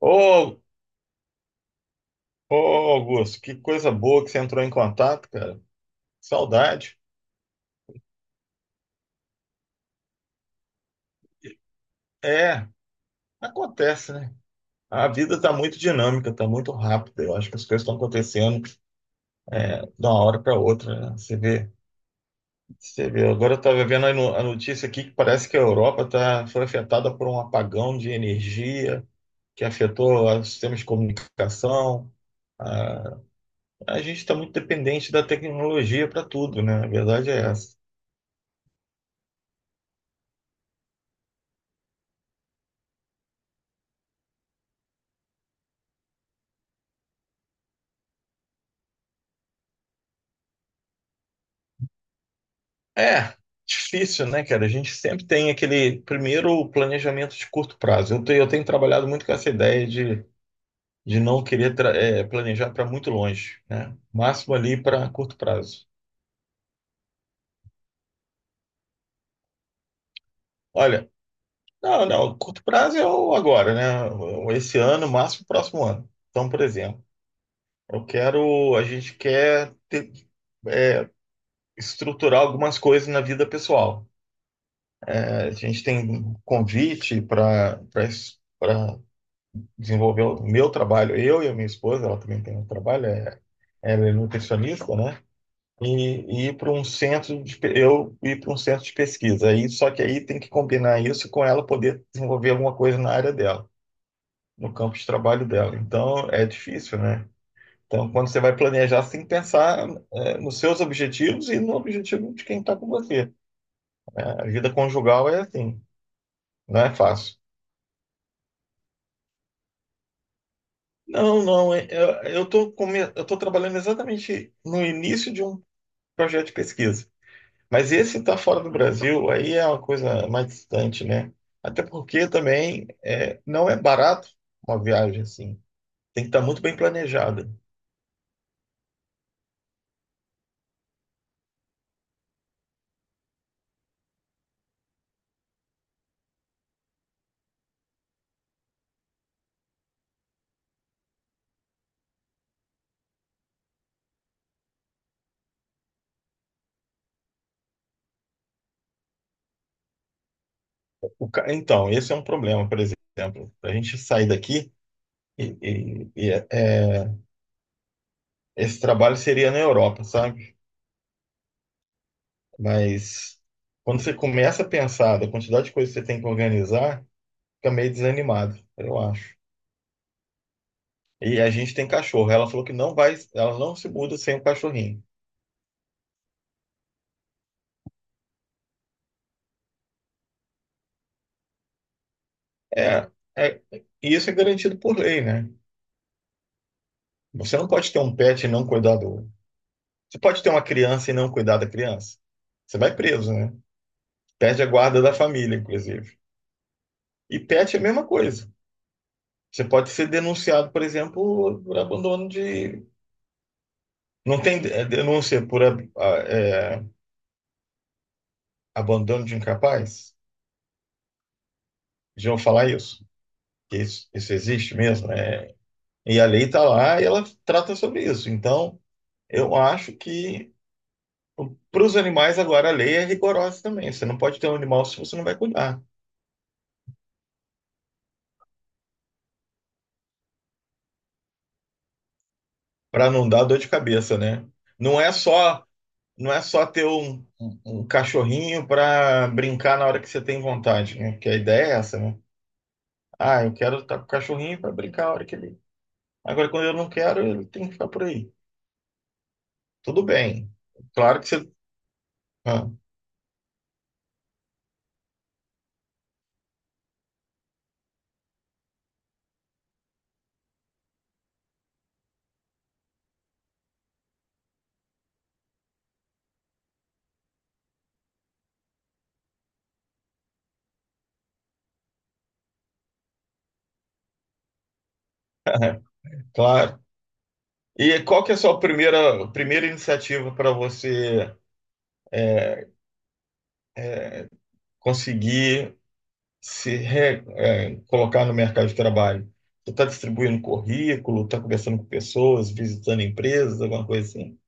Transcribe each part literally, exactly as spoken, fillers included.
Ô, ô, Augusto, que coisa boa que você entrou em contato, cara. Saudade. É, acontece, né? A vida tá muito dinâmica, tá muito rápida. Eu acho que as coisas estão acontecendo de uma hora para outra, né? Você vê, você vê. Agora eu tava vendo a no- a notícia aqui que parece que a Europa tá, foi afetada por um apagão de energia que afetou os sistemas de comunicação. A, a gente está muito dependente da tecnologia para tudo, né? A verdade é essa. É, difícil, né, cara? A gente sempre tem aquele primeiro planejamento de curto prazo. Eu tenho, eu tenho trabalhado muito com essa ideia de, de não querer tra- eh, planejar para muito longe, né? Máximo ali para curto prazo. Olha, não, não, curto prazo é o agora, né? O- Esse ano, máximo próximo ano. Então, por exemplo, eu quero, a gente quer ter- estruturar algumas coisas na vida pessoal. É, a gente tem um convite para desenvolveu o meu trabalho, eu e a minha esposa, ela também tem um trabalho, é, ela é nutricionista, né? E, e ir para um centro de, pe- eu ir para um centro de pesquisa. Aí, só que aí tem que combinar isso com ela poder desenvolver alguma coisa na área dela, no campo de trabalho dela. Então é difícil, né? Então, quando você vai planejar, você tem que pensar é, nos seus objetivos e no objetivo de quem está com você. A vida conjugal é assim, não é fácil. Não, não, é- eu eu estou eu tô trabalhando exatamente no início de um projeto de pesquisa. Mas esse está fora do Brasil, aí é uma coisa mais distante, né? Até porque também é, não é barato uma viagem assim. Tem que estar muito bem planejada. O ca- então, esse é um problema, por exemplo. A gente sair daqui e, e- e, é, esse trabalho seria na Europa, sabe? Mas quando você começa a pensar da quantidade de coisas que você tem que organizar, fica meio desanimado, eu acho. E a gente tem cachorro. Ela falou que não vai, ela não se muda sem o cachorrinho. É, é, e isso é garantido por lei, né? Você não pode ter um pet e não cuidar do. Você pode ter uma criança e não cuidar da criança. Você vai preso, né? Perde a guarda da família, inclusive. E pet é a mesma coisa. Você pode ser denunciado, por exemplo, por abandono de. Não tem é, denúncia por a- a- é, abandono de incapaz? Já vou falar isso. Que Isso, isso existe mesmo, né? E a lei está lá e ela trata sobre isso. Então, eu acho que para os animais, agora a lei é rigorosa também. Você não pode ter um animal se você não vai cuidar, para não dar dor de cabeça, né? Não é só, não é só ter um, um- um cachorrinho para brincar na hora que você tem vontade, né? Porque a ideia é essa, né? Ah, eu quero estar com o cachorrinho para brincar a hora que ele. Agora, quando eu não quero, ele tem que ficar por aí. Tudo bem. Claro que você. Ah, claro. E qual que é a sua primeira, primeira iniciativa para você conseguir se re- é, colocar no mercado de trabalho? Você está distribuindo currículo, está conversando com pessoas, visitando empresas, alguma coisa assim?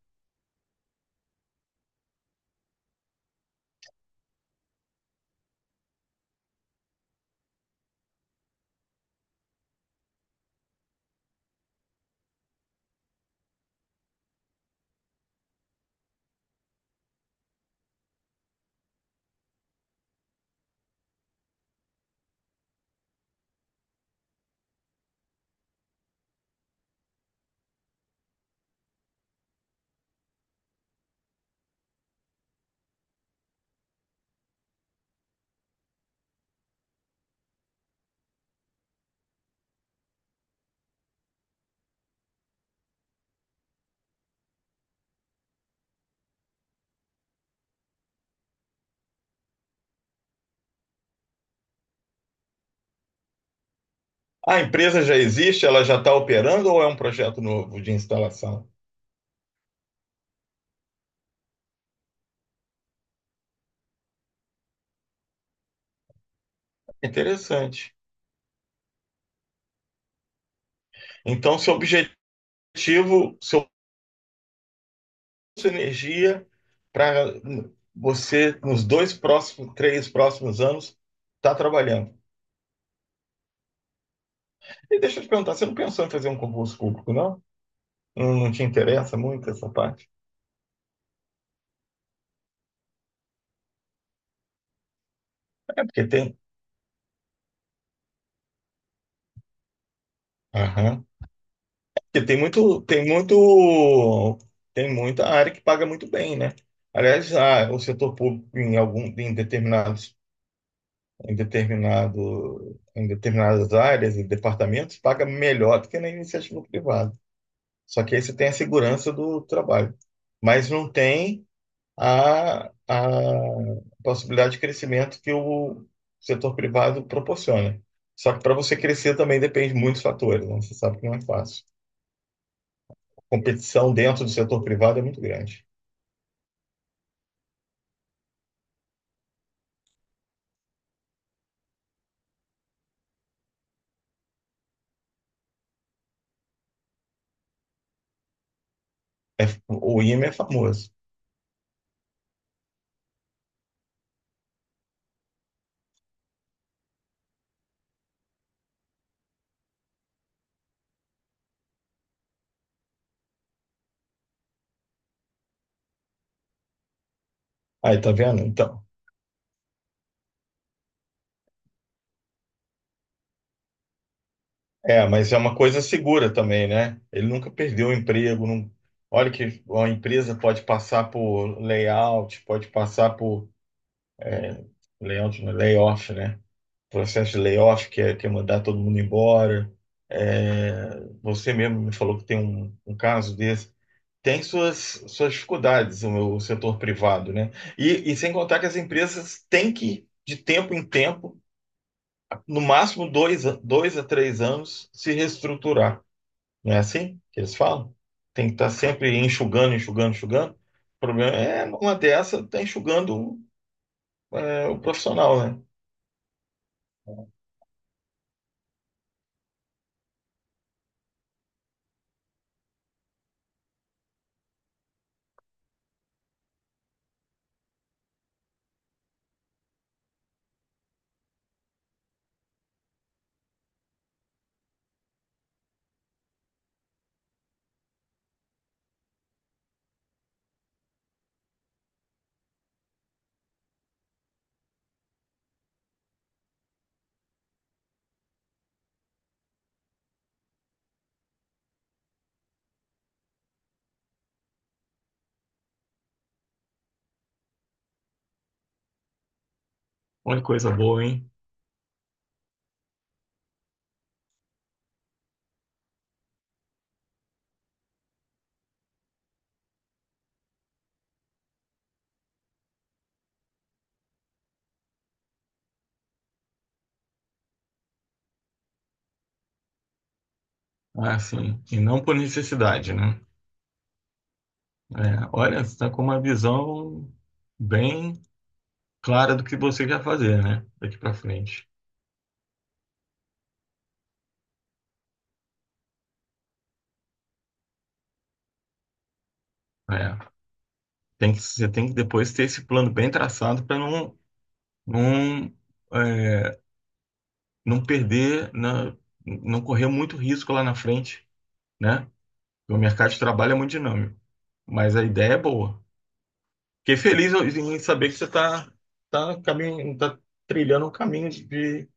A empresa já existe, ela já está operando ou é um projeto novo de instalação? Interessante. Então, seu objetivo, seu, sua energia para você, nos dois próximos, três próximos anos, está trabalhando. E deixa eu te perguntar, você não pensou em fazer um concurso público, não? Não, não te interessa muito essa parte? É porque tem. Aham. Porque tem muito, tem muito, tem muita área que paga muito bem, né? Aliás, a- o setor público em algum, em determinados, em determinado, em determinadas áreas e departamentos paga melhor do que na iniciativa privada. Só que aí você tem a segurança do trabalho, mas não tem a, a possibilidade de crescimento que o setor privado proporciona. Só que para você crescer também depende de muitos fatores, né? Você sabe que não é fácil. Competição dentro do setor privado é muito grande. É, o I M E é famoso. Aí, tá vendo? Então. É, mas é uma coisa segura também, né? Ele nunca perdeu o emprego. Não. Olha que uma empresa pode passar por layout, pode passar por layout, não, layoff, né? Processo de layoff, que é, que é mandar todo mundo embora. É, você mesmo me falou que tem um, um caso desse. Tem suas, suas dificuldades, o, o setor privado, né? E, e sem contar que as empresas têm que, de tempo em tempo, no máximo dois, a- dois a três anos, se reestruturar. Não é assim que eles falam? Tem que estar sempre enxugando, enxugando, enxugando. O problema é, uma dessa, está enxugando é, o profissional, né? Olha que coisa boa, hein? Ah, sim. E não por necessidade, né? É, olha, você está com uma visão bem clara do que você quer fazer, né? Daqui para frente. É, tem que, você tem que depois ter esse plano bem traçado para não, não, é, não perder, na- não correr muito risco lá na frente, né? O mercado de trabalho é muito dinâmico, mas a ideia é boa. Fiquei feliz em saber que você está tá tá caminho, tá trilhando um caminho de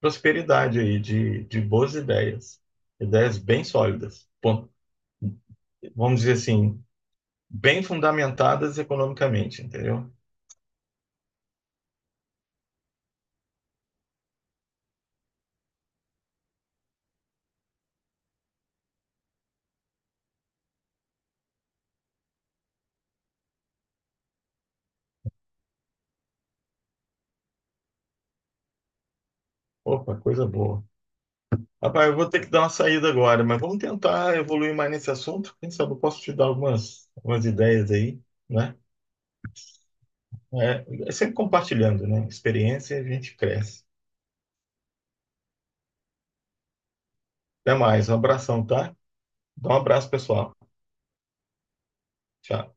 prosperidade aí, de, de boas ideias, ideias bem sólidas, bom, vamos dizer assim, bem fundamentadas economicamente, entendeu? Opa, coisa boa. Rapaz, eu vou ter que dar uma saída agora, mas vamos tentar evoluir mais nesse assunto. Quem sabe eu posso te dar algumas, algumas ideias aí, né? É, é sempre compartilhando, né? Experiência e a gente cresce. Até mais, um abração, tá? Dá um abraço, pessoal. Tchau.